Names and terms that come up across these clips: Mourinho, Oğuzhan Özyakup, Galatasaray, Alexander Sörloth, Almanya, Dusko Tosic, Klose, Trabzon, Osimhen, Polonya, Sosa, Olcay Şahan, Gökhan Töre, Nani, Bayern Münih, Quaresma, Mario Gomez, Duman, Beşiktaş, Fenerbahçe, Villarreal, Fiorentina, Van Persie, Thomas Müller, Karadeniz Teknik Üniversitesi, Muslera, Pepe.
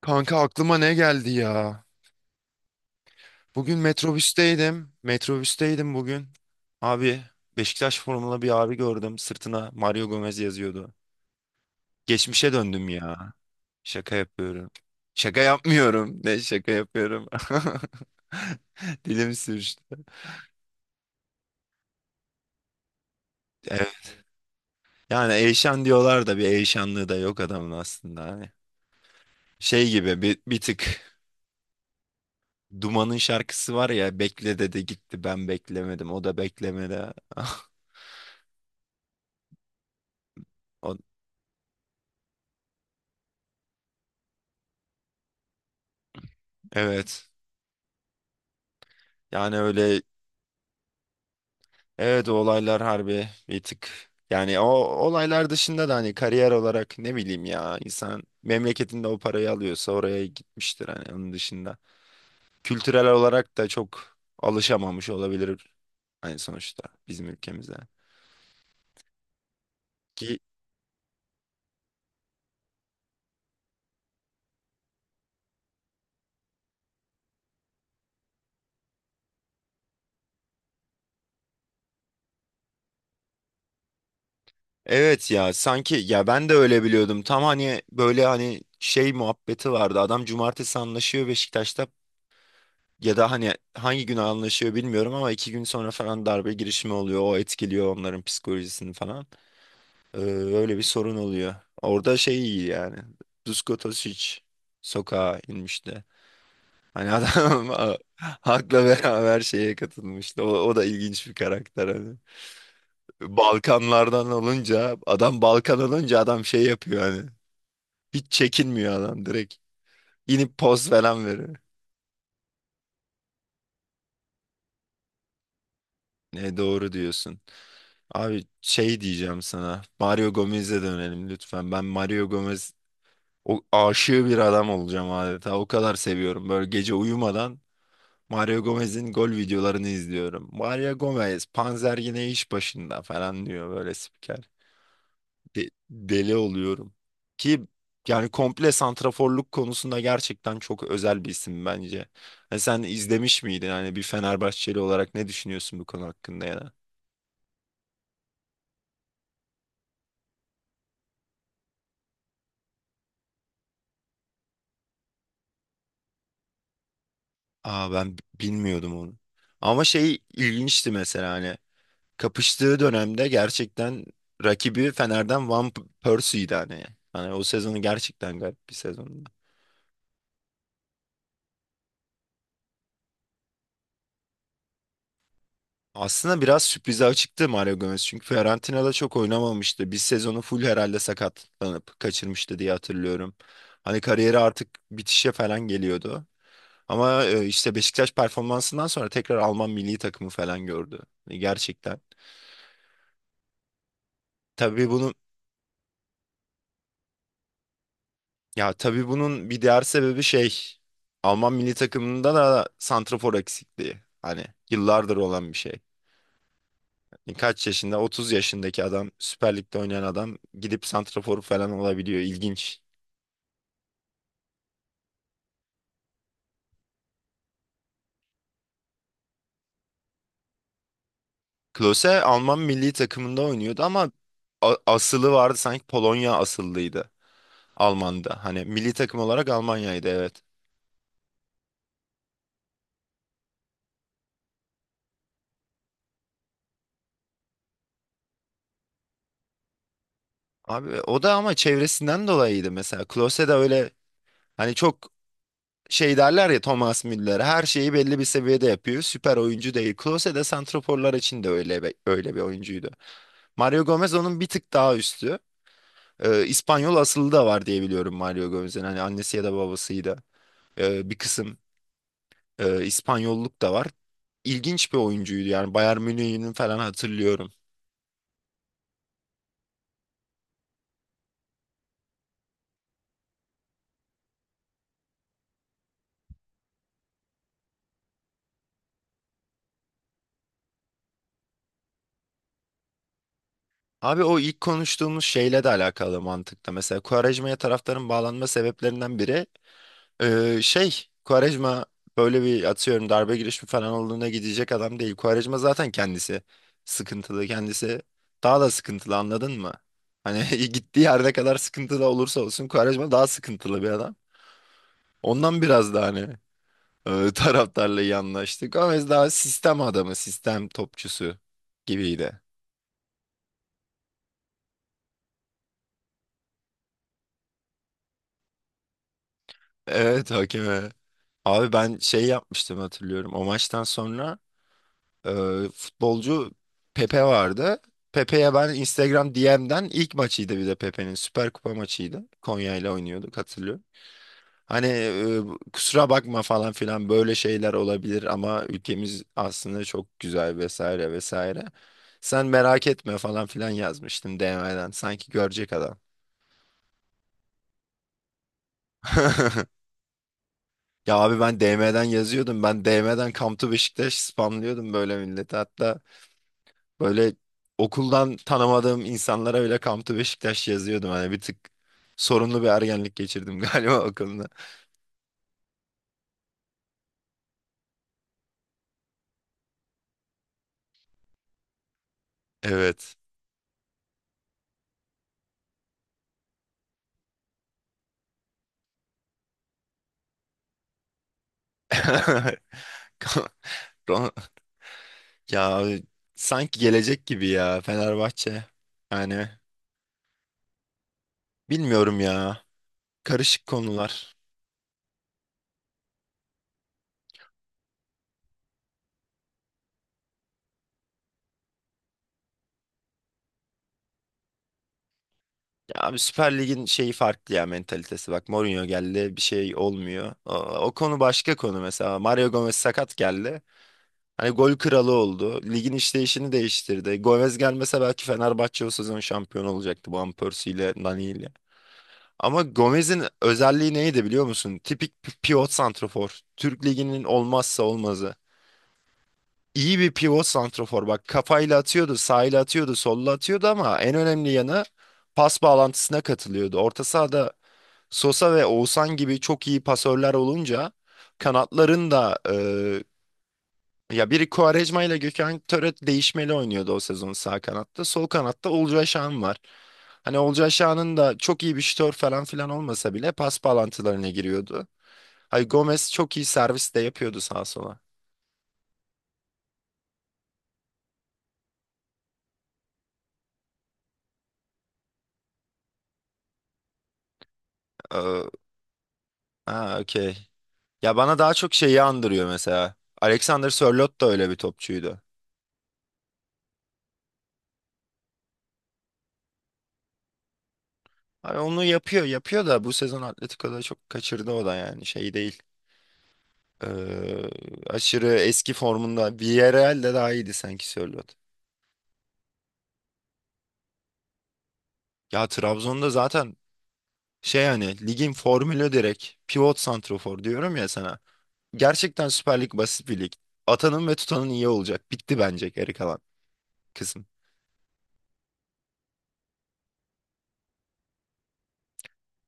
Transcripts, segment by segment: Kanka aklıma ne geldi ya? Bugün metrobüsteydim. Metrobüsteydim bugün. Abi Beşiktaş formalı bir abi gördüm. Sırtına Mario Gomez yazıyordu. Geçmişe döndüm ya. Şaka yapıyorum. Şaka yapmıyorum. Ne şaka yapıyorum. Dilim sürçtü. Evet. Yani Eyşan diyorlar da bir Eyşanlığı da yok adamın aslında. Hani şey gibi bir tık Duman'ın şarkısı var ya, bekle dedi gitti, ben beklemedim o da beklemedi. O, evet. Yani öyle, evet, o olaylar harbi bir tık. Yani o olaylar dışında da hani kariyer olarak, ne bileyim ya, insan memleketinde o parayı alıyorsa oraya gitmiştir hani, onun dışında. Kültürel olarak da çok alışamamış olabilir, hani sonuçta bizim ülkemizde. Ki evet ya, sanki ya, ben de öyle biliyordum tam, hani böyle hani şey muhabbeti vardı, adam cumartesi anlaşıyor Beşiktaş'ta. Ya da hani hangi gün anlaşıyor bilmiyorum ama iki gün sonra falan darbe girişimi oluyor. O etkiliyor onların psikolojisini falan. Öyle bir sorun oluyor. Orada şey iyi yani. Dusko Tosic sokağa inmişti. Hani adam halkla beraber şeye katılmıştı. O da ilginç bir karakter hani. Balkanlardan olunca adam, Balkan olunca adam şey yapıyor hani. Hiç çekinmiyor adam, direkt İnip poz falan veriyor. Ne doğru diyorsun. Abi şey diyeceğim sana. Mario Gomez'e dönelim lütfen. Ben Mario Gomez o aşığı bir adam olacağım adeta. O kadar seviyorum. Böyle gece uyumadan Mario Gomez'in gol videolarını izliyorum. Mario Gomez, Panzer yine iş başında falan diyor böyle spiker. Deli oluyorum. Ki yani komple santraforluk konusunda gerçekten çok özel bir isim bence. Ha, sen izlemiş miydin? Hani bir Fenerbahçeli olarak ne düşünüyorsun bu konu hakkında ya? Aa, ben bilmiyordum onu. Ama şey ilginçti mesela, hani kapıştığı dönemde gerçekten rakibi Fener'den Van Persie'ydi hani. Hani o sezonu gerçekten garip bir sezondu. Aslında biraz sürprize açıktı Mario Gomez, çünkü Fiorentina'da çok oynamamıştı. Bir sezonu full herhalde sakatlanıp kaçırmıştı diye hatırlıyorum. Hani kariyeri artık bitişe falan geliyordu. Ama işte Beşiktaş performansından sonra tekrar Alman milli takımı falan gördü. Hani gerçekten. Tabii bunu Ya, tabii bunun bir diğer sebebi şey. Alman milli takımında da santrafor eksikliği. Hani yıllardır olan bir şey. Yani kaç yaşında? 30 yaşındaki adam, Süper Lig'de oynayan adam gidip santrafor falan olabiliyor. İlginç. Klose Alman milli takımında oynuyordu ama asılı vardı sanki, Polonya asıllıydı, Alman'da hani milli takım olarak Almanya'ydı, evet. Abi o da ama çevresinden dolayıydı mesela. Klose de öyle, hani çok şey derler ya, Thomas Müller her şeyi belli bir seviyede yapıyor, süper oyuncu değil. Klose de santraforlar için de öyle bir, öyle bir oyuncuydu. Mario Gomez onun bir tık daha üstü. İspanyol asıllı da var diye biliyorum Mario Gomez'in. Hani annesi ya da babasıydı. Bir kısım İspanyolluk da var. İlginç bir oyuncuydu yani, Bayern Münih'in falan hatırlıyorum. Abi o ilk konuştuğumuz şeyle de alakalı mantıkta. Mesela Quaresma'ya taraftarın bağlanma sebeplerinden biri, şey, Quaresma böyle bir, atıyorum, darbe girişimi falan olduğuna gidecek adam değil. Quaresma zaten kendisi sıkıntılı. Kendisi daha da sıkıntılı, anladın mı? Hani gittiği yerde kadar sıkıntılı olursa olsun Quaresma daha sıkıntılı bir adam. Ondan biraz da hani taraftarla iyi anlaştık. Ama biz daha sistem adamı, sistem topçusu gibiydi. Evet, hakeme. Abi ben şey yapmıştım hatırlıyorum. O maçtan sonra e, futbolcu Pepe vardı. Pepe'ye ben Instagram DM'den, ilk maçıydı bir de Pepe'nin, Süper Kupa maçıydı, Konya ile oynuyorduk hatırlıyorum. Hani kusura bakma falan filan, böyle şeyler olabilir ama ülkemiz aslında çok güzel vesaire vesaire, sen merak etme falan filan yazmıştım DM'den. Sanki görecek adam. Ya abi, ben DM'den yazıyordum. Ben DM'den Come to Beşiktaş spamlıyordum böyle millete. Hatta böyle okuldan tanımadığım insanlara bile Kamtu Beşiktaş yazıyordum. Hani bir tık sorunlu bir ergenlik geçirdim galiba okulda. Evet. Ron- Ya abi, sanki gelecek gibi ya Fenerbahçe. Yani bilmiyorum ya. Karışık konular. Ya abi, Süper Lig'in şeyi farklı ya, mentalitesi. Bak Mourinho geldi, bir şey olmuyor. O, o konu başka konu mesela. Mario Gomez sakat geldi, hani gol kralı oldu, ligin işleyişini değiştirdi. Gomez gelmese belki Fenerbahçe o sezon şampiyon olacaktı Van Persie ile, Nani ile. Ama Gomez'in özelliği neydi biliyor musun? Tipik bir pivot santrafor. Türk Ligi'nin olmazsa olmazı. İyi bir pivot santrafor. Bak, kafayla atıyordu, sağıyla atıyordu, solla atıyordu ama en önemli yanı pas bağlantısına katılıyordu. Orta sahada Sosa ve Oğuzhan gibi çok iyi pasörler olunca, kanatların da... Ya biri Quaresma ile Gökhan Töre değişmeli oynuyordu o sezon sağ kanatta. Sol kanatta Olcay Şahan var. Hani Olcay Şahan'ın da çok iyi bir şutör falan filan olmasa bile pas bağlantılarına giriyordu. Hay Gomez çok iyi servis de yapıyordu sağa sola. Ee, ha okey. Ya bana daha çok şeyi andırıyor mesela. Alexander Sörloth da öyle bir topçuydu. Hani onu yapıyor yapıyor da bu sezon Atletico'da çok kaçırdı o da, yani şey değil. Ee, aşırı eski formunda. Villarreal'de daha iyiydi sanki Sörloth. Ya Trabzon'da zaten şey, yani ligin formülü direkt pivot santrofor diyorum ya sana. Gerçekten Süper Lig basit bir lig. Atanın ve tutanın iyi olacak. Bitti bence geri kalan kısım.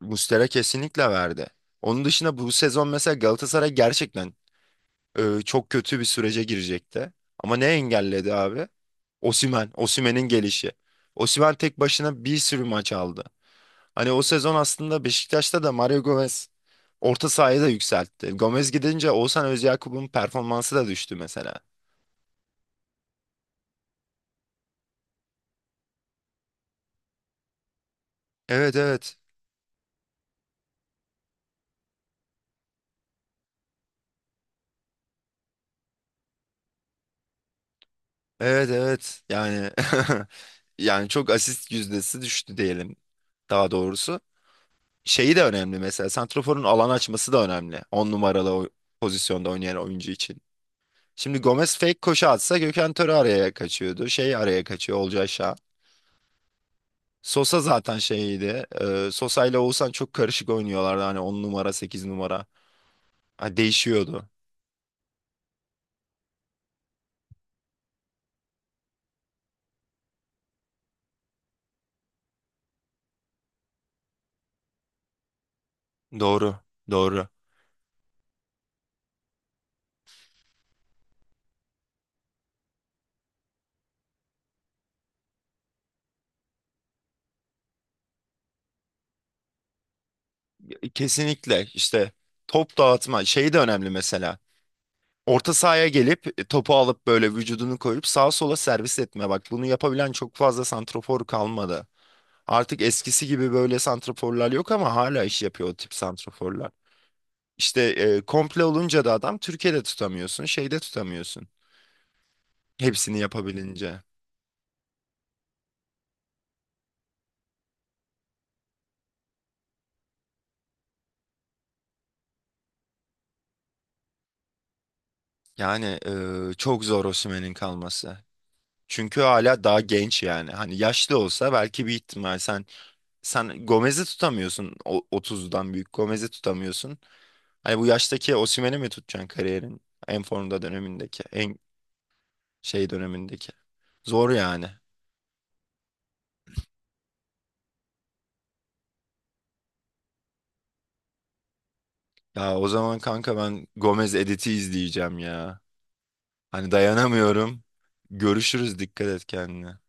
Muslera kesinlikle verdi. Onun dışında bu sezon mesela Galatasaray gerçekten çok kötü bir sürece girecekti. Ama ne engelledi abi? Osimhen, Osimhen'in gelişi. Osimhen tek başına bir sürü maç aldı. Hani o sezon aslında Beşiktaş'ta da Mario Gomez orta sahayı da yükseltti. Gomez gidince Oğuzhan Özyakup'un performansı da düştü mesela. Evet, evet. Evet, evet. Yani yani çok asist yüzdesi düştü diyelim, daha doğrusu. Şeyi de önemli mesela, santraforun alan açması da önemli. On numaralı o pozisyonda oynayan oyuncu için. Şimdi Gomez fake koşu atsa Gökhan Töre araya kaçıyordu. Şey araya kaçıyor, Olcay Şah. Sosa zaten şeydi. Sosa ile Oğuzhan çok karışık oynuyorlardı. Hani 10 numara, 8 numara. Ha, değişiyordu. Doğru. Doğru. Kesinlikle işte, top dağıtma şey de önemli mesela. Orta sahaya gelip topu alıp böyle vücudunu koyup sağa sola servis etme. Bak bunu yapabilen çok fazla santrafor kalmadı. Artık eskisi gibi böyle santraforlar yok ama hala iş yapıyor o tip santraforlar. İşte komple olunca da adam, Türkiye'de tutamıyorsun, şeyde tutamıyorsun. Hepsini yapabilince. Yani çok zor Osimhen'in kalması. Çünkü hala daha genç yani. Hani yaşlı olsa belki bir ihtimal. Sen Gomez'i tutamıyorsun. O, otuz'dan büyük Gomez'i tutamıyorsun. Hani bu yaştaki Osimhen'i mi tutacaksın, kariyerin en formda dönemindeki, en şey dönemindeki? Zor yani. Ya o zaman kanka ben Gomez editi izleyeceğim ya. Hani dayanamıyorum. Görüşürüz. Dikkat et kendine.